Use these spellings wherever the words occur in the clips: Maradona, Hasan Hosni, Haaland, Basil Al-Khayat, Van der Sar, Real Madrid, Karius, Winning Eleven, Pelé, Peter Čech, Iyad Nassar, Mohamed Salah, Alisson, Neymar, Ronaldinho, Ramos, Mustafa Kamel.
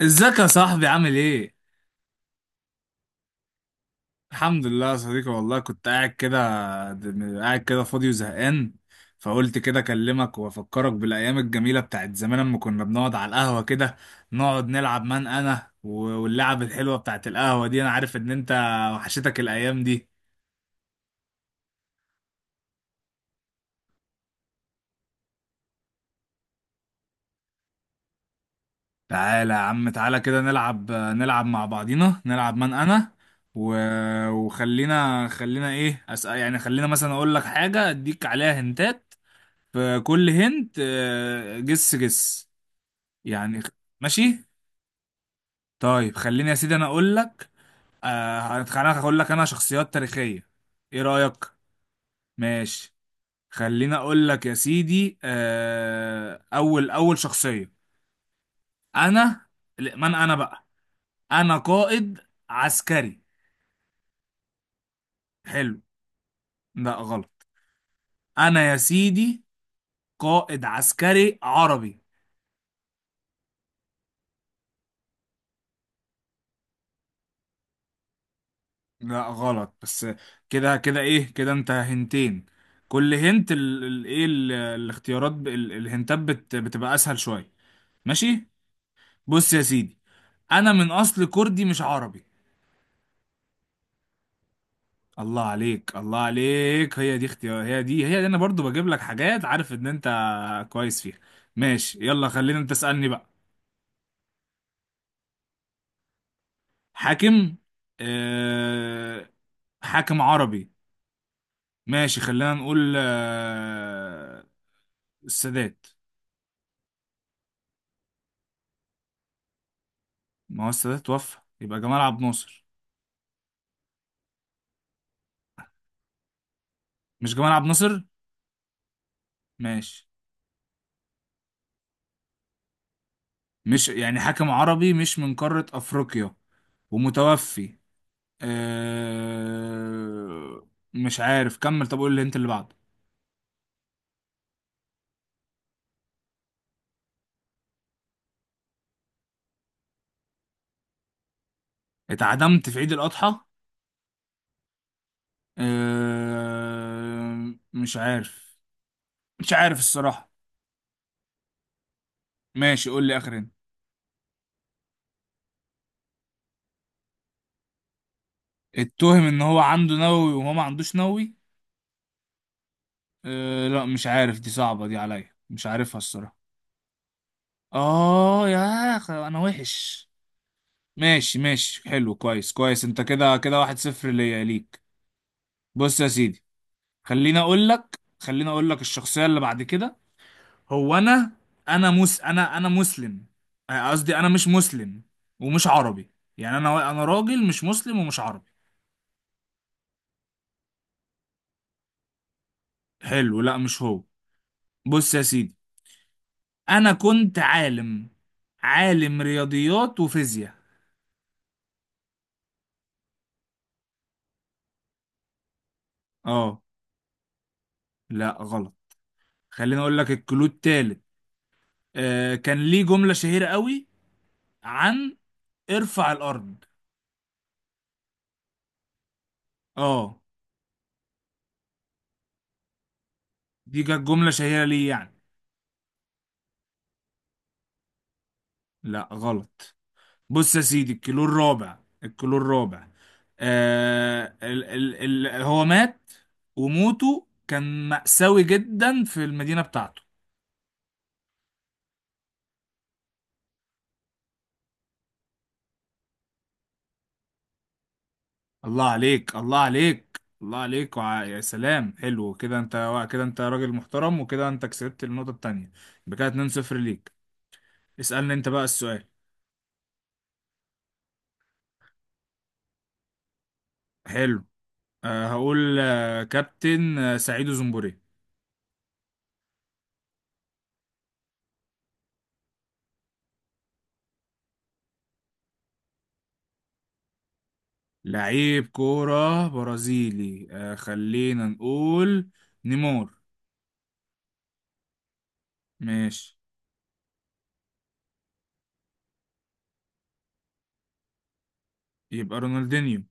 ازيك يا صاحبي؟ عامل ايه؟ الحمد لله يا صديقي. والله كنت قاعد كده، فاضي وزهقان. فقلت كده اكلمك وافكرك بالايام الجميله بتاعت زمان، لما كنا بنقعد على القهوه كده، نقعد نلعب. من انا واللعب الحلوه بتاعت القهوه دي، انا عارف ان انت وحشتك الايام دي. تعالى يا عم، تعالى كده نلعب، مع بعضينا. نلعب من انا و... وخلينا، ايه أسأل، يعني خلينا مثلا اقول لك حاجه اديك عليها هنتات، فكل هنت جس جس. يعني خ- ماشي. طيب خليني يا سيدي انا اقول لك. انا هقول لك، انا شخصيات تاريخية، ايه رأيك؟ ماشي. خليني اقول لك يا سيدي، اول شخصية، انا. لا، من انا بقى؟ انا قائد عسكري. حلو. لا غلط. انا يا سيدي قائد عسكري عربي. لا غلط، بس كده كده. ايه كده انت هنتين؟ كل هنت الاختيارات، الهنتات بتبقى اسهل شوية. ماشي. بص يا سيدي، انا من اصل كردي، مش عربي. الله عليك، الله عليك، هي دي اختيار. هي دي انا برضو بجيب لك حاجات عارف ان انت كويس فيها. ماشي، يلا خلينا انت تسألني بقى. حاكم؟ أه حاكم عربي. ماشي، خلينا نقول السادات. ما هو السادات توفى، يبقى جمال عبد الناصر. مش جمال عبد الناصر؟ ماشي. مش يعني حاكم عربي، مش من قارة أفريقيا، ومتوفي. أه... مش عارف، كمل. طب قول لي انت اللي بعده. اتعدمت في عيد الأضحى؟ مش عارف، الصراحة. ماشي، قول لي آخر انت. اتهم ان هو عنده نووي، وهو ما عندوش نووي؟ لا مش عارف، دي صعبة دي عليا، مش عارفها الصراحة. اه يا اخي انا وحش. ماشي ماشي، حلو، كويس كويس، انت كده كده واحد صفر، ليا ليك. بص يا سيدي، خليني اقول لك، الشخصية اللي بعد كده، هو انا. انا مس انا انا مسلم. قصدي انا مش مسلم ومش عربي. يعني انا، راجل مش مسلم ومش عربي. حلو. لا مش هو. بص يا سيدي، انا كنت عالم، عالم رياضيات وفيزياء. اه. لا غلط. خليني اقول لك، الكلود التالت، آه كان ليه جملة شهيرة قوي عن ارفع الارض. اه، دي كانت جمله شهيره ليه يعني. لا غلط. بص يا سيدي، الكيلو الرابع، الكيلو الرابع. آه ال ال ال هو مات، وموته كان مأساوي جدا في المدينه بتاعته. الله عليك، الله عليك، الله عليك، يا سلام، حلو كده، انت كده، انت راجل محترم، وكده انت كسبت النقطه التانيه. يبقى كده 2-0 ليك. اسألني انت بقى السؤال. حلو، هقول كابتن سعيد زنبوري. لعيب كورة برازيلي، خلينا نقول نيمار. ماشي، يبقى رونالدينيو.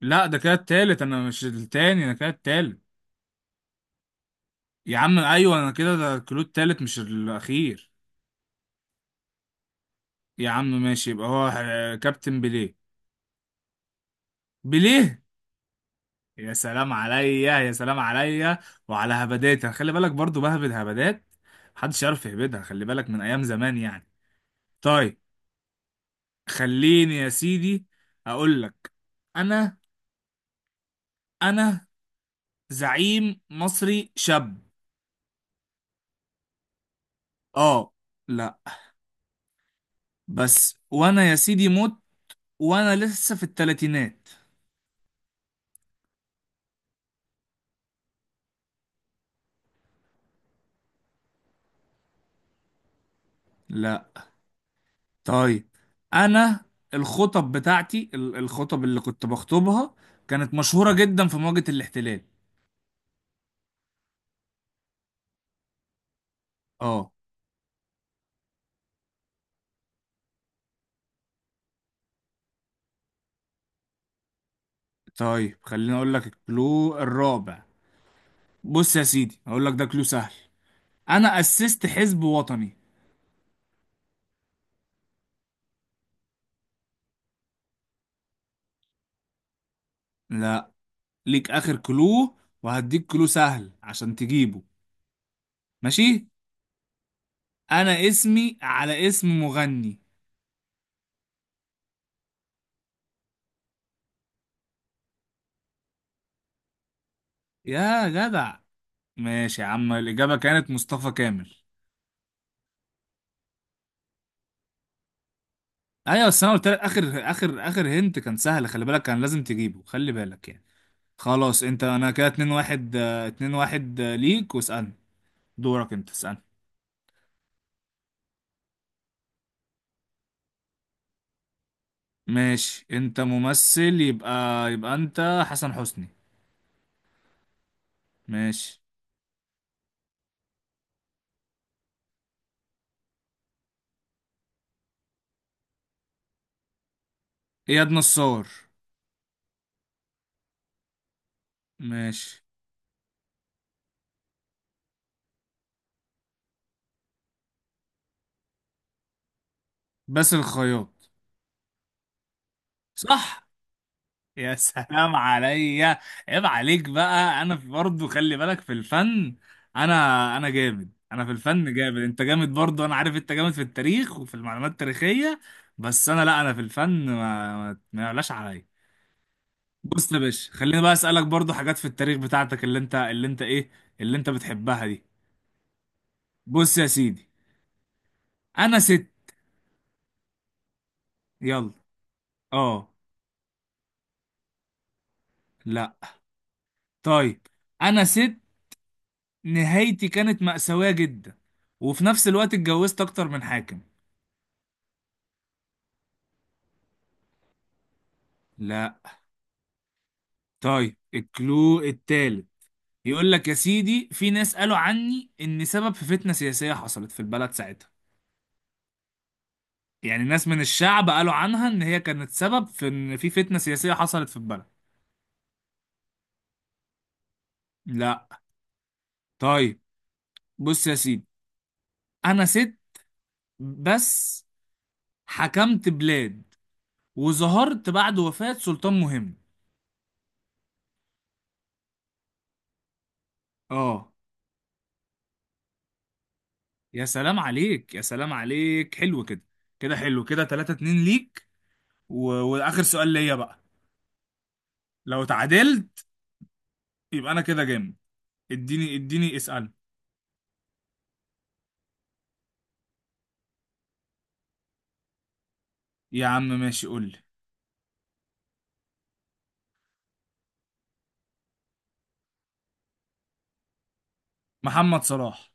لا ده كده التالت، انا مش التاني، انا كده التالت. يا عم ايوه، انا كده، ده الكلود التالت مش الاخير. يا عم، ماشي، يبقى هو كابتن بيليه. بيليه. يا سلام عليا، يا سلام عليا، وعلى هبداتها، خلي بالك برضو بهبد هبدات محدش يعرف يهبدها، خلي بالك من ايام زمان يعني. طيب، خليني يا سيدي اقول لك، انا انا زعيم مصري شاب. اه. لا، بس وانا يا سيدي مت وانا لسه في التلاتينات. لا. طيب انا الخطب بتاعتي، الخطب اللي كنت بخطبها كانت مشهورة جدا في مواجهة الاحتلال. اه. طيب، خليني اقول لك الكلو الرابع. بص يا سيدي هقول لك، ده كلو سهل. انا اسست حزب وطني. لا. ليك اخر كلو، وهديك كلو سهل عشان تجيبه. ماشي. انا اسمي على اسم مغني. يا جدع، ماشي يا عم، الاجابه كانت مصطفى كامل. ايوه، بس انا قلت لك اخر اخر اخر هنت كان سهل، خلي بالك، كان لازم تجيبه، خلي بالك يعني. خلاص انت، انا كده 2 1 2 1 ليك. واسالني، دورك انت، اسالني. ماشي. انت ممثل يبقى، انت حسن حسني. ماشي. اياد نصار. ماشي. باسل الخياط. صح. يا سلام عليا. عيب عليك بقى، انا برضه خلي بالك في الفن. انا جامد، انا في الفن جامد، انت جامد برضه، انا عارف انت جامد في التاريخ وفي المعلومات التاريخية، بس انا لا، انا في الفن، ما يعلاش عليا. بص يا باشا، خليني بقى اسالك برضه حاجات في التاريخ بتاعتك، اللي انت بتحبها دي. بص يا سيدي، انا ست. يلا. اه. لا. طيب، انا ست، نهايتي كانت مأساوية جدا، وفي نفس الوقت اتجوزت اكتر من حاكم. لا. طيب الكلو التالت، يقول لك يا سيدي، في ناس قالوا عني ان سبب في فتنة سياسية حصلت في البلد ساعتها. يعني ناس من الشعب قالوا عنها ان هي كانت سبب في ان في فتنة سياسية حصلت في البلد. لا. طيب، بص يا سيدي، انا ست بس حكمت بلاد، وظهرت بعد وفاة سلطان مهم. اه. يا سلام عليك، يا سلام عليك، حلو كده، كده حلو كده 3-2 ليك. واخر سؤال ليا بقى، لو تعادلت يبقى انا كده جامد. اديني اسأل. يا عم ماشي، قول لي. محمد صلاح.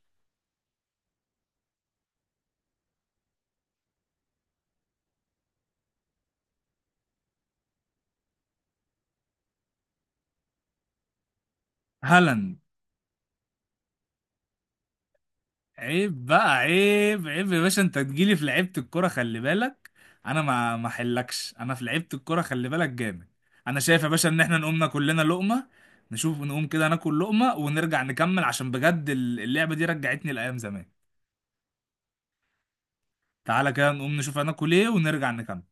هالاند. عيب بقى، عيب عيب يا باشا، انت تجيلي في لعيبة الكرة، خلي بالك، انا ما حلكش انا في لعيبة الكرة، خلي بالك جامد. انا شايف يا باشا ان احنا نقوم ناكل لنا لقمة، نشوف، نقوم كده ناكل لقمة ونرجع نكمل، عشان بجد اللعبة دي رجعتني لأيام زمان. تعالى كده نقوم نشوف هناكل ايه، ونرجع نكمل.